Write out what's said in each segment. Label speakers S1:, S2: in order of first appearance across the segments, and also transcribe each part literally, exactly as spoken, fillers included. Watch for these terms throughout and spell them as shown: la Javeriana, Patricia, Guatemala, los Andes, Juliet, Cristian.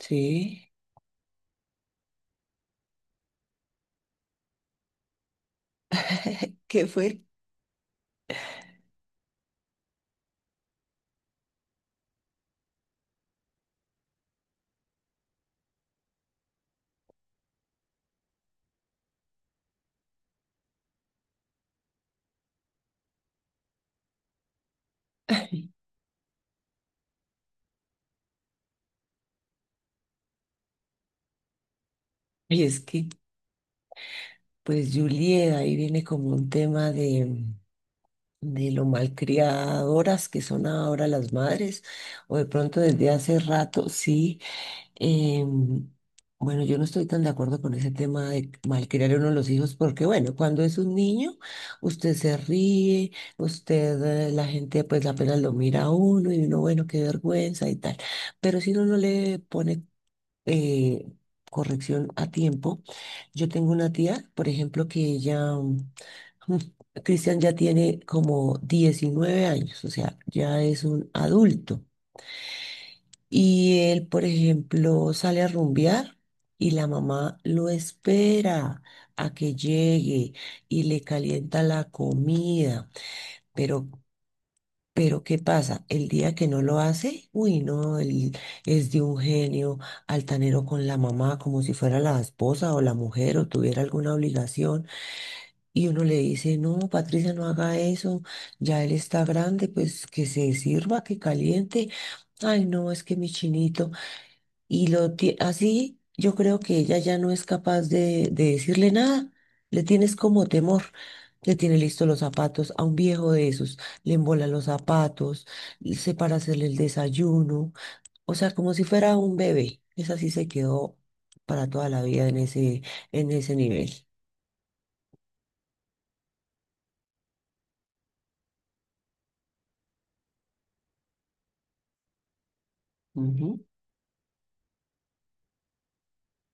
S1: Sí. ¿Qué fue? Y es que, pues, Juliet, ahí viene como un tema de, de lo malcriadoras que son ahora las madres, o de pronto desde hace rato, sí. em, bueno, yo no estoy tan de acuerdo con ese tema de malcriar a uno de los hijos, porque, bueno, cuando es un niño, usted se ríe, usted, eh, la gente, pues, apenas lo mira a uno y uno, bueno, qué vergüenza y tal. Pero si uno no le pone eh, corrección a tiempo. Yo tengo una tía, por ejemplo, que ella, mm, Cristian ya tiene como diecinueve años, o sea, ya es un adulto. Y él, por ejemplo, sale a rumbear y la mamá lo espera a que llegue y le calienta la comida. Pero pero ¿qué pasa? El día que no lo hace, uy, no, él es de un genio altanero con la mamá, como si fuera la esposa o la mujer o tuviera alguna obligación. Y uno le dice, no, Patricia, no haga eso, ya él está grande, pues que se sirva, que caliente. Ay, no, es que mi chinito. Y lo ti- así yo creo que ella ya no es capaz de, de decirle nada. Le tienes como temor. Le tiene listos los zapatos a un viejo de esos. Le embola los zapatos, se para hacerle el desayuno. O sea, como si fuera un bebé. Esa sí se quedó para toda la vida en ese, en ese nivel. Ujú.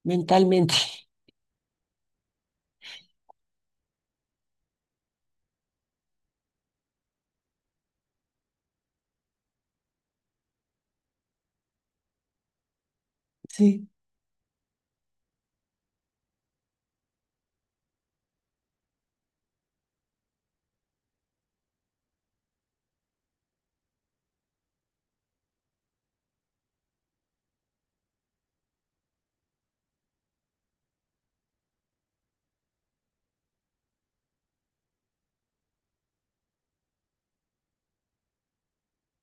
S1: Mentalmente. Sí.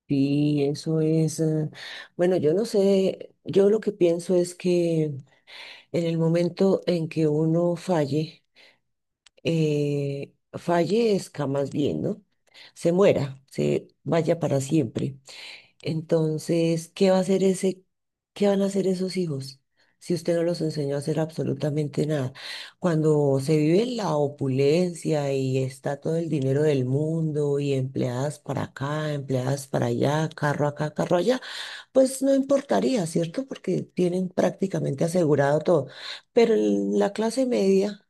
S1: Sí, eso es. eh, Bueno, yo no sé. Yo lo que pienso es que en el momento en que uno falle, eh, fallezca más bien, ¿no? Se muera, se vaya para siempre. Entonces, ¿qué va a hacer ese, qué van a hacer esos hijos? Si usted no los enseñó a hacer absolutamente nada. Cuando se vive en la opulencia y está todo el dinero del mundo y empleadas para acá, empleadas para allá, carro acá, carro allá, pues no importaría, ¿cierto? Porque tienen prácticamente asegurado todo. Pero en la clase media,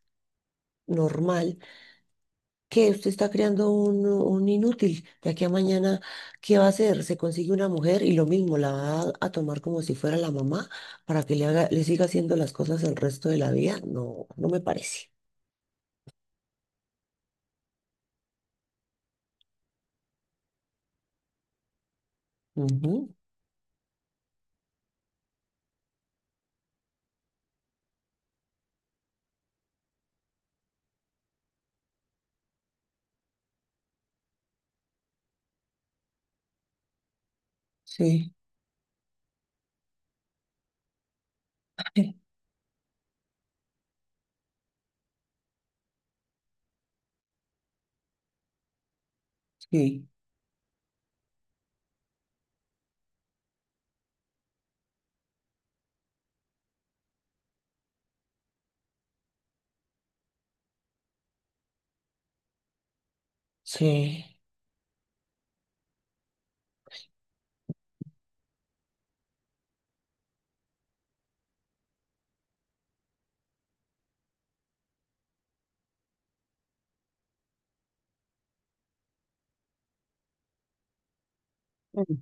S1: normal, que usted está creando un, un inútil. De aquí a mañana, ¿qué va a hacer? Se consigue una mujer y lo mismo, la va a, a tomar como si fuera la mamá para que le haga, le siga haciendo las cosas el resto de la vida. No, no me parece. Ujú. Sí, sí, sí. Sí. Mm.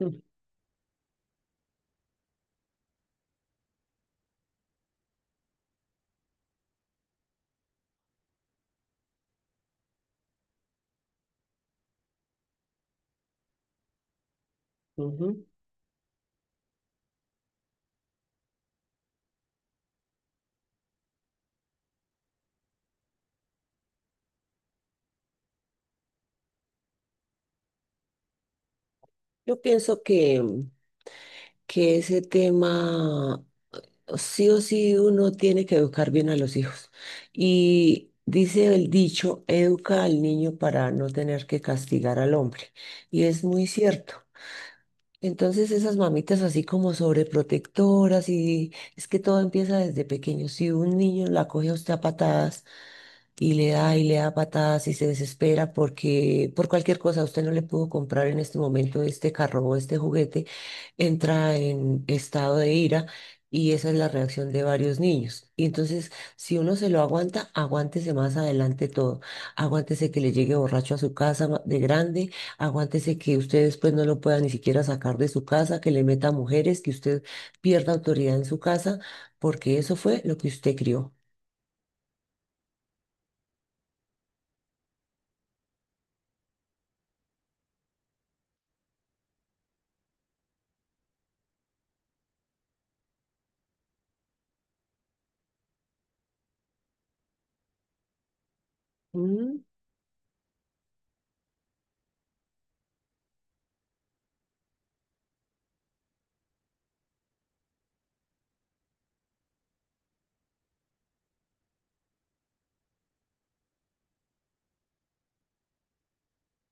S1: Mm, ujú. Yo pienso que, mm, que ese tema sí o sí uno tiene que educar bien a los hijos. Y dice el dicho, educa al niño para no tener que castigar al hombre. Y es muy cierto. Entonces esas mamitas así como sobreprotectoras y es que todo empieza desde pequeño. Si un niño la coge a usted a patadas, y le da y le da patadas y se desespera porque por cualquier cosa usted no le pudo comprar en este momento este carro o este juguete, entra en estado de ira y esa es la reacción de varios niños. Y entonces, si uno se lo aguanta, aguántese más adelante todo. Aguántese que le llegue borracho a su casa ma- de grande, aguántese que usted después no lo pueda ni siquiera sacar de su casa, que le meta mujeres, que usted pierda autoridad en su casa, porque eso fue lo que usted crió.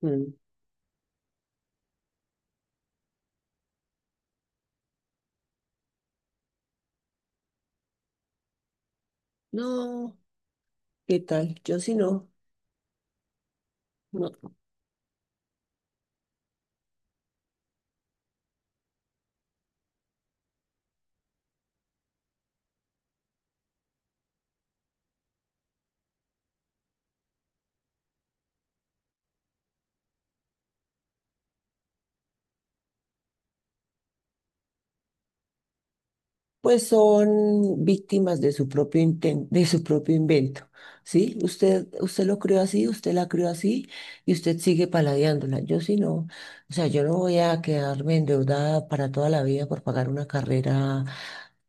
S1: Ujú. No, ¿qué tal? Yo sí no, no. Pues son víctimas de su propio inten- de su propio invento, ¿sí? Usted, usted lo creó así, usted la creó así y usted sigue paladeándola. Yo sí no, o sea, yo no voy a quedarme endeudada para toda la vida por pagar una carrera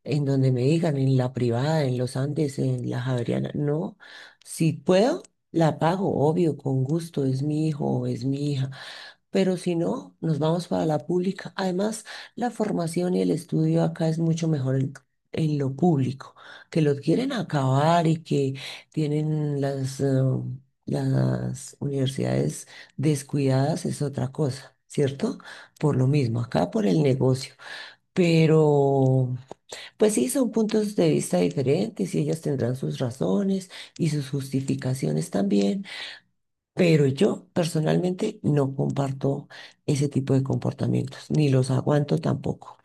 S1: en donde me digan, en la privada, en los Andes, en la Javeriana. No, si puedo, la pago, obvio, con gusto, es mi hijo, es mi hija. Pero si no, nos vamos para la pública. Además, la formación y el estudio acá es mucho mejor en, en lo público, que lo quieren acabar y que tienen las, eh, las universidades descuidadas es otra cosa, ¿cierto? Por lo mismo, acá por el negocio. Pero, pues sí, son puntos de vista diferentes y ellas tendrán sus razones y sus justificaciones también. Pero yo personalmente no comparto ese tipo de comportamientos, ni los aguanto tampoco.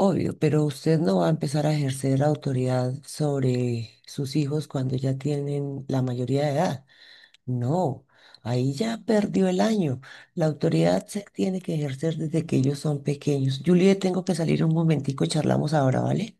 S1: Obvio, pero usted no va a empezar a ejercer autoridad sobre sus hijos cuando ya tienen la mayoría de edad. No, ahí ya perdió el año. La autoridad se tiene que ejercer desde que ellos son pequeños. Juliet, tengo que salir un momentico, charlamos ahora, ¿vale?